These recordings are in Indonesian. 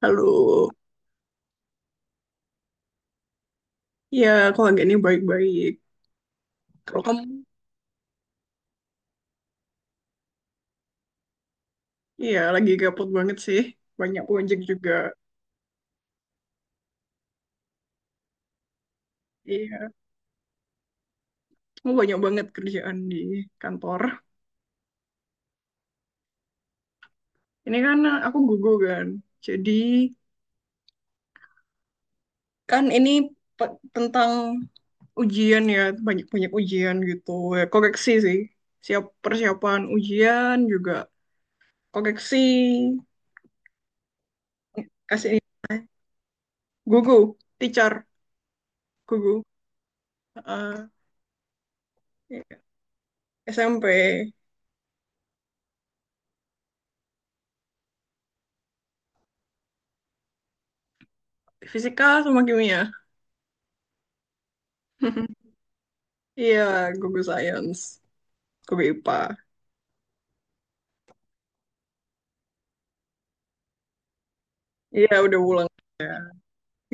Halo, ya kalau nggak ini baik-baik. Kalau kamu, ya lagi gabut banget sih, banyak proyek juga. Iya, kamu banyak banget kerjaan di kantor. Ini kan aku gugur kan, jadi kan ini tentang ujian ya, banyak-banyak ujian gitu. Ya, koreksi sih, siap persiapan ujian juga, koreksi, kasih ini gugu, teacher, gugu, Eh, SMP, fisika sama kimia. Iya, Google Science, Google IPA. Iya, udah pulang ya.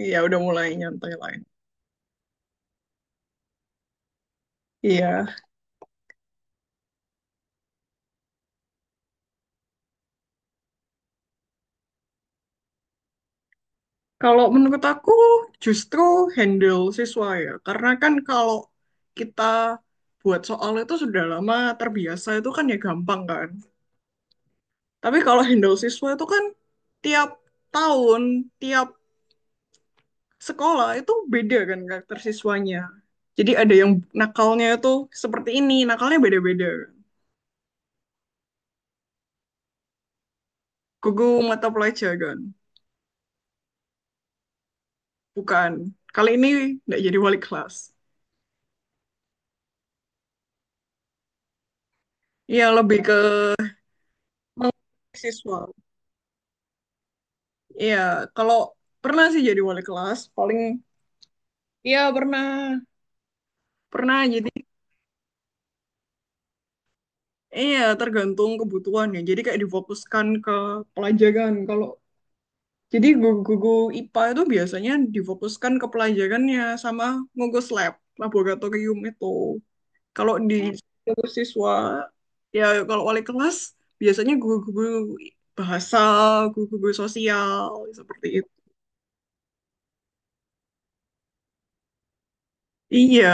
Iya, udah mulai nyantai lain. Iya. Kalau menurut aku justru handle siswa ya. Karena kan kalau kita buat soal itu sudah lama terbiasa itu kan ya gampang kan. Tapi kalau handle siswa itu kan tiap tahun, tiap sekolah itu beda kan karakter siswanya. Jadi ada yang nakalnya itu seperti ini, nakalnya beda-beda. Gugu mata pelajaran. Bukan. Kali ini nggak jadi wali kelas. Iya, lebih ke mengurus siswa. Iya, kalau pernah sih jadi wali kelas, paling iya pernah. Pernah jadi iya tergantung kebutuhannya. Jadi kayak difokuskan ke pelajaran. Kalau jadi guru-guru IPA itu biasanya difokuskan ke pelajarannya sama ngugus lab, laboratorium itu. Kalau di siswa, ya kalau wali kelas, biasanya guru-guru bahasa, guru-guru sosial, seperti itu. Iya,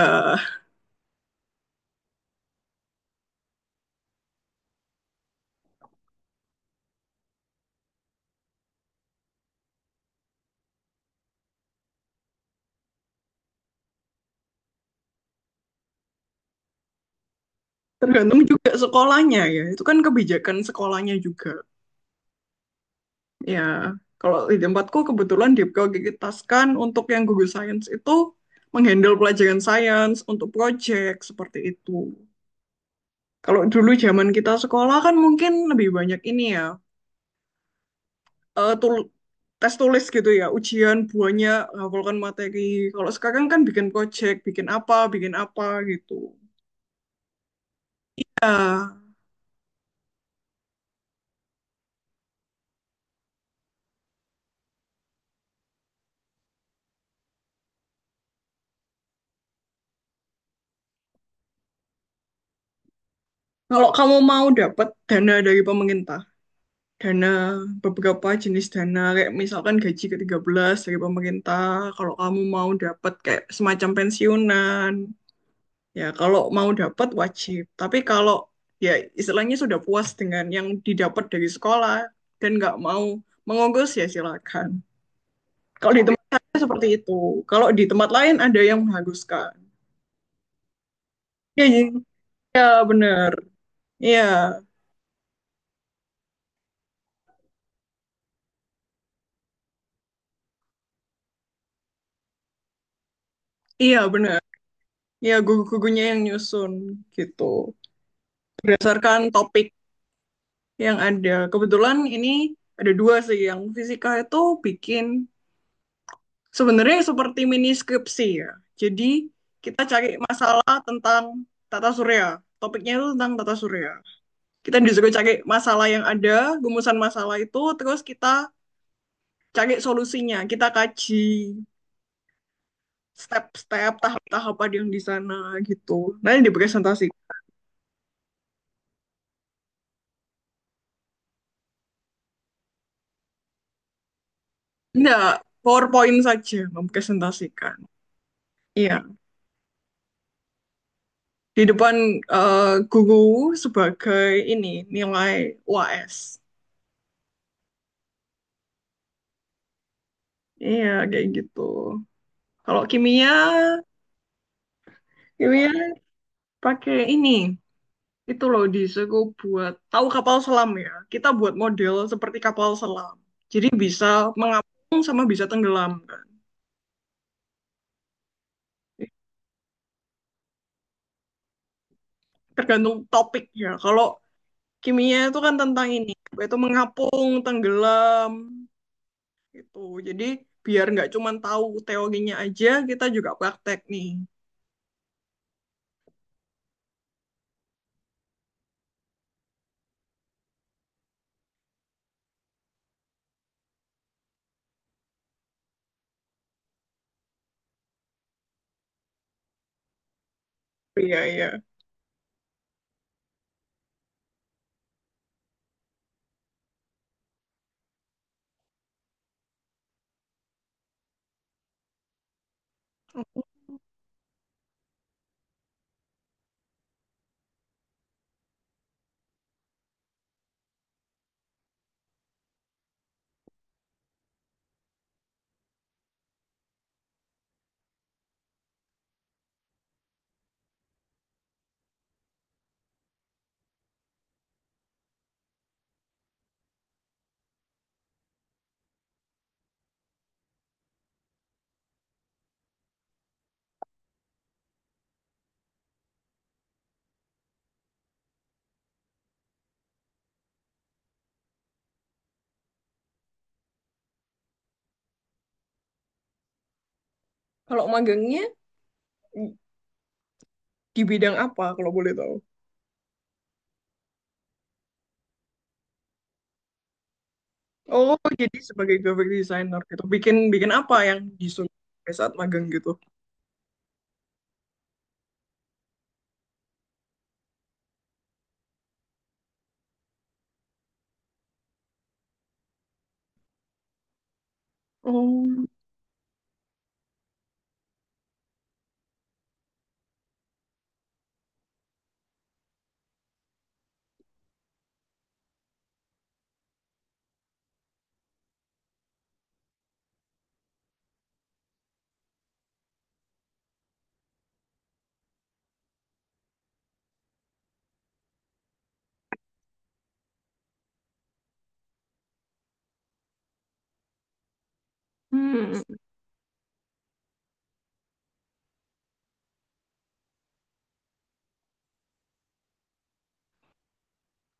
tergantung juga sekolahnya ya. Itu kan kebijakan sekolahnya juga. Ya, kalau di tempatku kebetulan diprioritaskan untuk yang guru sains itu menghandle pelajaran sains untuk project seperti itu. Kalau dulu zaman kita sekolah kan mungkin lebih banyak ini ya, eh, tul tes tulis gitu ya, ujian buahnya hafalkan materi. Kalau sekarang kan bikin project, bikin apa gitu. Ah, kalau kamu mau dapat dana dari pemerintah, dana beberapa jenis dana kayak misalkan gaji ke-13 dari pemerintah, kalau kamu mau dapat kayak semacam pensiunan, ya kalau mau dapat wajib. Tapi kalau ya istilahnya sudah puas dengan yang didapat dari sekolah dan nggak mau mengurus ya silakan. Kalau di tempat saya seperti itu. Kalau di tempat lain ada yang menghanguskan. Iya, iya, iya, bener. Iya, iya bener. Iya, gugu-gugunya yang nyusun gitu. Berdasarkan topik yang ada. Kebetulan ini ada dua sih. Yang fisika itu bikin sebenarnya seperti mini skripsi ya. Jadi kita cari masalah tentang tata surya. Topiknya itu tentang tata surya. Kita disuruh cari masalah yang ada, gumusan masalah itu, terus kita cari solusinya, kita kaji step-step, tahap-tahap ada yang di sana gitu. Nanti dipresentasikan. Enggak, PowerPoint saja mempresentasikan. Iya, di depan eh, guru sebagai ini nilai UAS. Iya, kayak gitu. Kalau kimia, kimia pakai ini. Itu loh disuruh buat tahu kapal selam ya. Kita buat model seperti kapal selam. Jadi bisa mengapung sama bisa tenggelam kan. Tergantung topiknya. Kalau kimia itu kan tentang ini, yaitu mengapung, tenggelam, gitu. Jadi biar nggak cuma tahu teorinya aja, kita juga praktek nih. Iya, iya. Kalau magangnya di bidang apa kalau boleh tahu? Oh, jadi sebagai graphic designer gitu. Bikin bikin apa yang disuruh pada saat magang gitu? Oh. Hmm.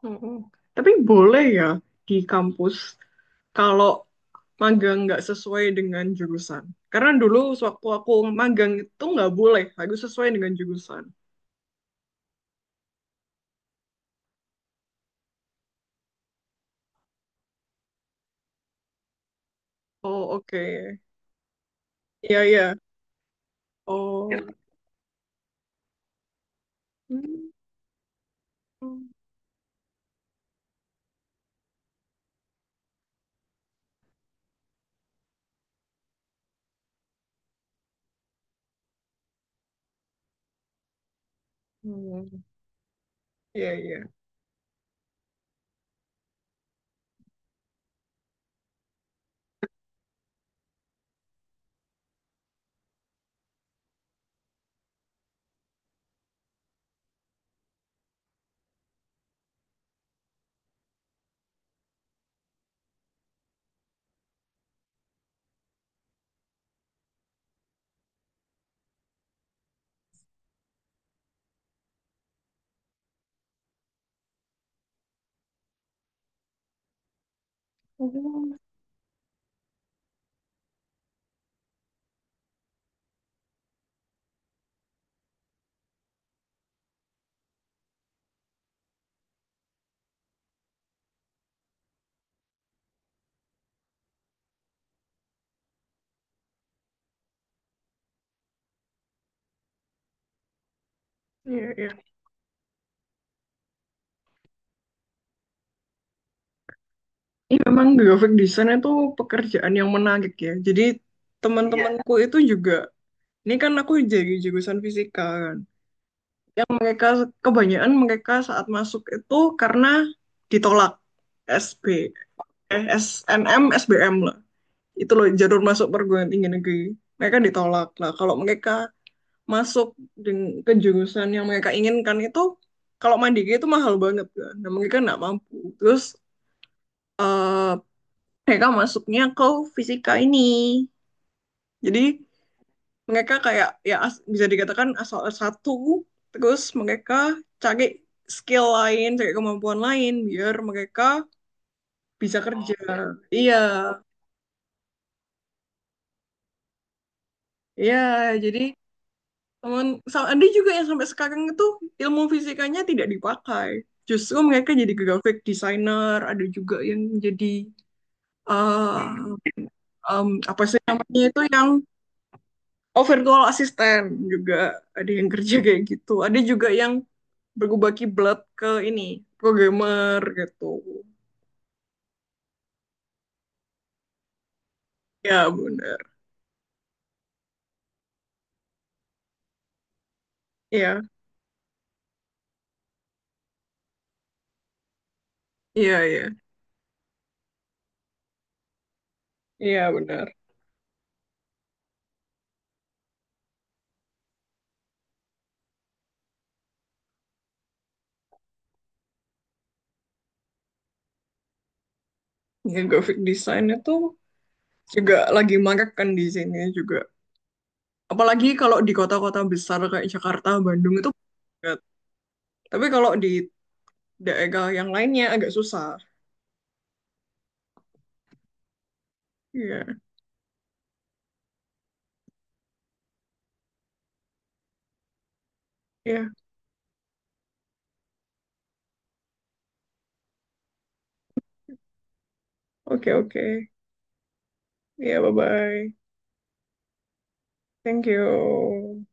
Mm-mm. Tapi boleh ya di kampus kalau magang nggak sesuai dengan jurusan. Karena dulu sewaktu aku magang itu nggak boleh, harus sesuai dengan jurusan. Oh oke, iya iya. Oh, ya. Hmm. Hmm. Iya iya. Oh, iya iya. Ini memang graphic design itu pekerjaan yang menarik ya. Jadi iya. Teman-temanku itu juga, ini kan aku jadi jurusan fisika kan. Yang mereka kebanyakan mereka saat masuk itu karena ditolak SB SNM SBM lah, itu loh jalur masuk perguruan tinggi negeri. Mereka ditolak lah, kalau mereka masuk ke jurusan yang mereka inginkan itu kalau mandiri itu mahal banget kan, dan mereka nggak mampu. Terus eh, mereka masuknya ke fisika ini. Jadi mereka kayak ya bisa dikatakan asal satu, terus mereka cari skill lain, cari kemampuan lain biar mereka bisa kerja. Iya iya. Jadi teman sama ada juga yang sampai sekarang itu ilmu fisikanya tidak dipakai, justru mereka jadi graphic designer. Ada juga yang jadi eh, apa sih namanya itu yang overall assistant, juga ada yang kerja kayak gitu. Ada juga yang berbagi blood ke ini programmer gitu. Ya benar. Ya iya iya. Iya benar. Ya graphic design itu juga lagi marak kan di sini juga, apalagi kalau di kota-kota besar kayak Jakarta Bandung itu banget. Tapi kalau di daerah yang lainnya agak susah. Iya iya. Oke oke. Iya, bye bye. Thank you.